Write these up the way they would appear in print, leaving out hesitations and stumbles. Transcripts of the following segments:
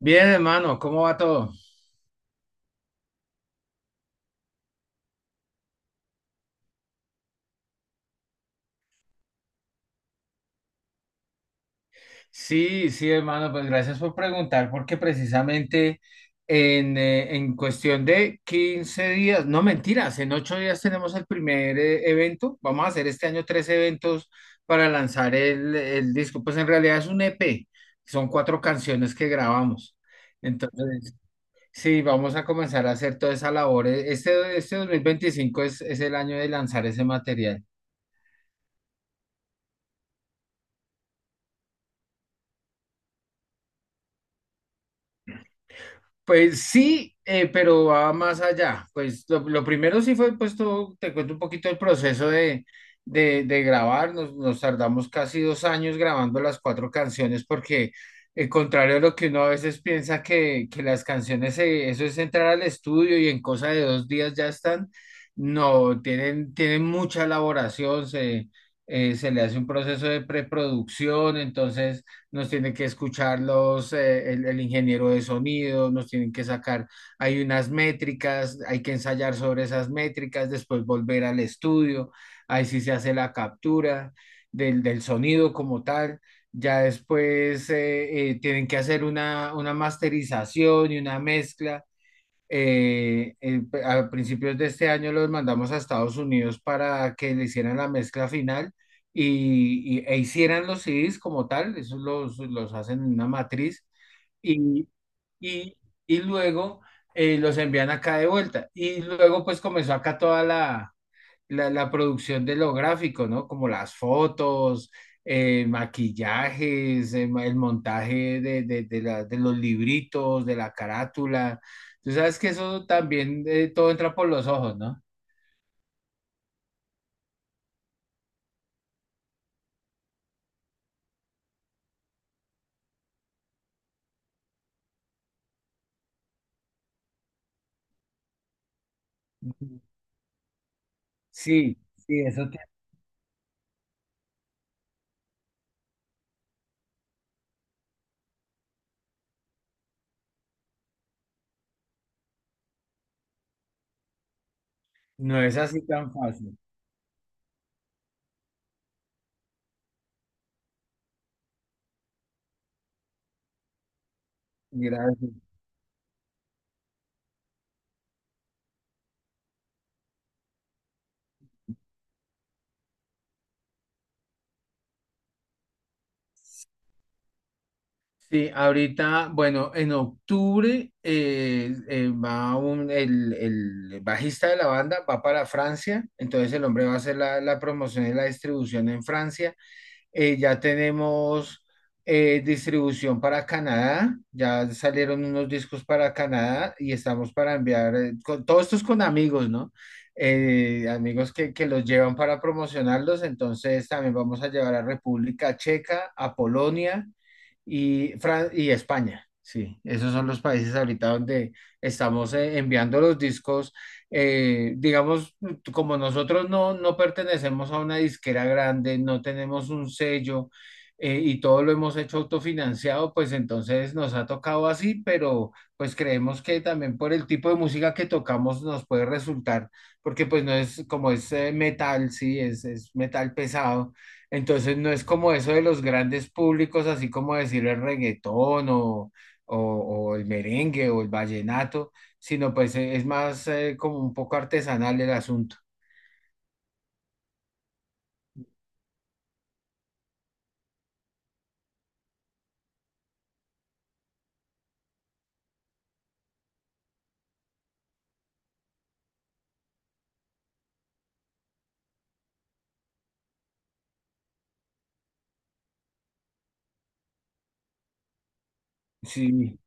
Bien, hermano, ¿cómo va todo? Sí, sí, hermano, pues gracias por preguntar, porque precisamente en cuestión de 15 días, no mentiras, en 8 días tenemos el primer evento. Vamos a hacer este año tres eventos para lanzar el disco. Pues en realidad es un EP, son cuatro canciones que grabamos. Entonces, sí, vamos a comenzar a hacer toda esa labor. Este 2025 es el año de lanzar ese material. Pues sí, pero va más allá. Pues lo primero sí fue, pues te cuento un poquito el proceso de grabar. Nos tardamos casi 2 años grabando las cuatro canciones porque, contrario a lo que uno a veces piensa que las canciones, eso es entrar al estudio y en cosa de 2 días ya están. No, tienen mucha elaboración, se le hace un proceso de preproducción. Entonces nos tiene que escuchar el ingeniero de sonido, nos tienen que sacar, hay unas métricas, hay que ensayar sobre esas métricas, después volver al estudio. Ahí sí se hace la captura del sonido como tal. Ya después tienen que hacer una masterización y una mezcla a principios de este año los mandamos a Estados Unidos para que le hicieran la mezcla final e hicieran los CDs como tal. Esos los hacen en una matriz y, y, y luego los envían acá de vuelta. Y luego pues comenzó acá toda la la producción de lo gráfico, ¿no? Como las fotos, maquillajes, el montaje de los libritos, de la carátula. Tú sabes que eso también, todo entra por los ojos, ¿no? Sí, sí, no es así tan fácil. Gracias. Sí, ahorita, bueno, en octubre, va un, el bajista de la banda va para Francia. Entonces el hombre va a hacer la promoción y la distribución en Francia. Ya tenemos distribución para Canadá, ya salieron unos discos para Canadá y estamos para enviar, todo esto es con amigos, ¿no? Amigos que los llevan para promocionarlos. Entonces también vamos a llevar a República Checa, a Polonia y España. Sí, esos son los países ahorita donde estamos enviando los discos. Digamos, como nosotros no, pertenecemos a una disquera grande, no tenemos un sello, y todo lo hemos hecho autofinanciado. Pues entonces nos ha tocado así, pero pues creemos que también por el tipo de música que tocamos nos puede resultar, porque pues no es como es, metal. Sí, es metal pesado, entonces no es como eso de los grandes públicos, así como decir el reggaetón o, o el merengue o el vallenato, sino pues, es más, como un poco artesanal el asunto. Sí,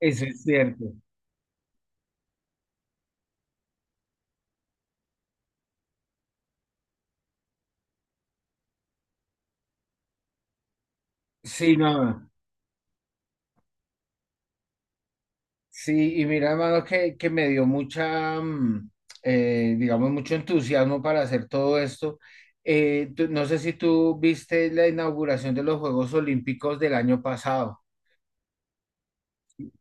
eso es cierto. Sí, no, sí, y mira, hermano, que me dio digamos, mucho entusiasmo para hacer todo esto. No sé si tú viste la inauguración de los Juegos Olímpicos del año pasado,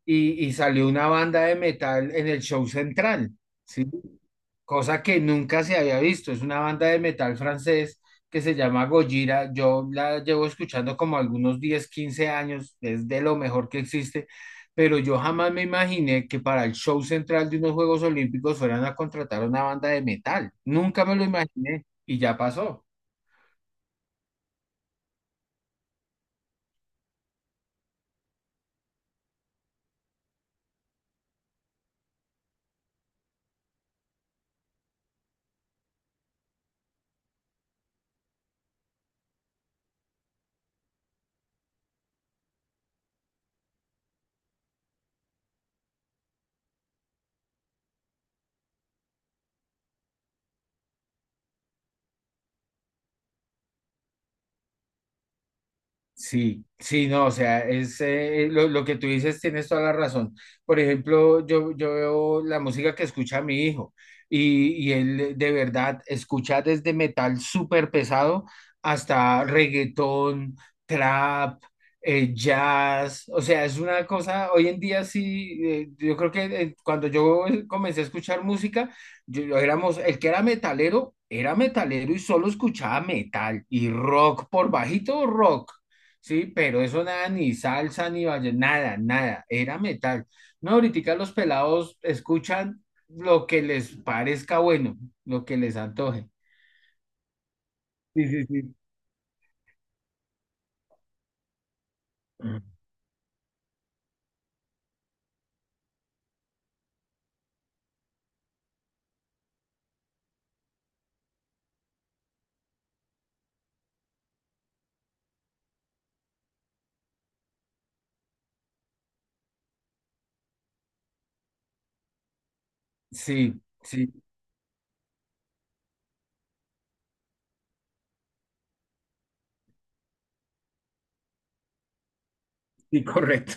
y salió una banda de metal en el show central. ¿Sí? Cosa que nunca se había visto. Es una banda de metal francés que se llama Gojira. Yo la llevo escuchando como algunos 10-15 años, es de lo mejor que existe, pero yo jamás me imaginé que para el show central de unos Juegos Olímpicos fueran a contratar una banda de metal. Nunca me lo imaginé y ya pasó. Sí, sí, no, o sea, es, lo que tú dices, tienes toda la razón. Por ejemplo, yo, veo la música que escucha mi hijo, y él de verdad escucha desde metal súper pesado hasta reggaetón, trap, jazz. O sea, es una cosa, hoy en día sí, yo creo que, cuando yo comencé a escuchar música, yo éramos, el que era metalero y solo escuchaba metal y rock, por bajito rock. Sí, pero eso nada, ni salsa, ni valle, nada, nada, era metal. No, ahorita los pelados escuchan lo que les parezca bueno, lo que les antoje. Sí, sí, sí. Mm. Sí, sí, sí, correcto.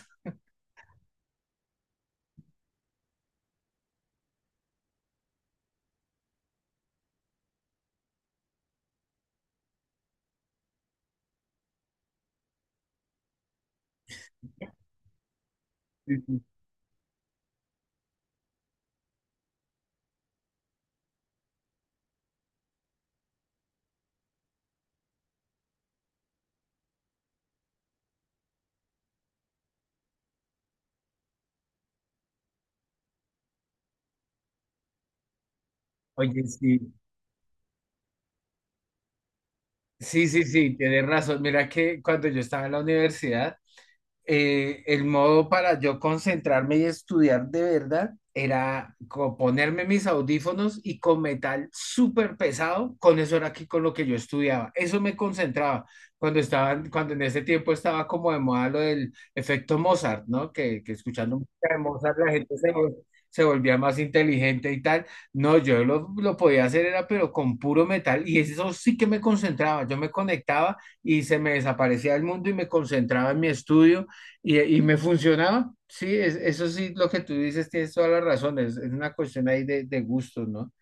Sí, sí. Oye, sí, sí, sí, sí, tienes razón. Mira que cuando yo estaba en la universidad, el modo para yo concentrarme y estudiar de verdad era ponerme mis audífonos y con metal súper pesado. Con eso era aquí con lo que yo estudiaba. Eso me concentraba cuando en ese tiempo estaba como de moda lo del efecto Mozart, ¿no? Que escuchando música de Mozart la gente se volvía más inteligente y tal. No, yo lo podía hacer era pero con puro metal, y eso sí que me concentraba. Yo me conectaba y se me desaparecía el mundo y me concentraba en mi estudio, y me funcionaba. Sí, eso sí, lo que tú dices, tienes toda la razón, es una cuestión ahí de gustos, ¿no?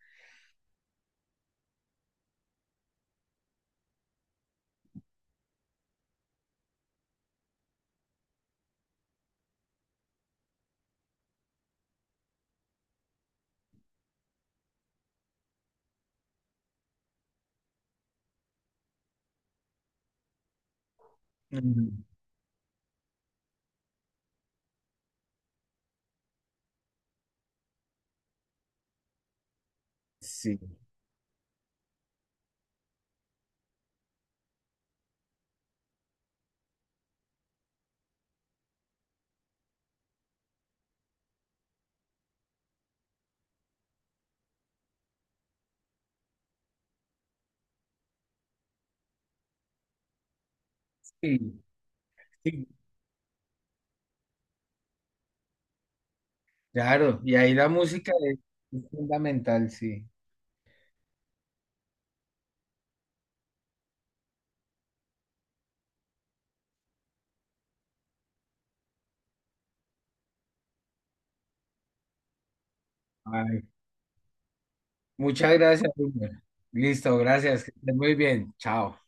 Mm. Sí, sí, sí, claro, y ahí la música es fundamental, sí. Ay, muchas gracias, Wilmer. Listo, gracias, que estés muy bien, chao.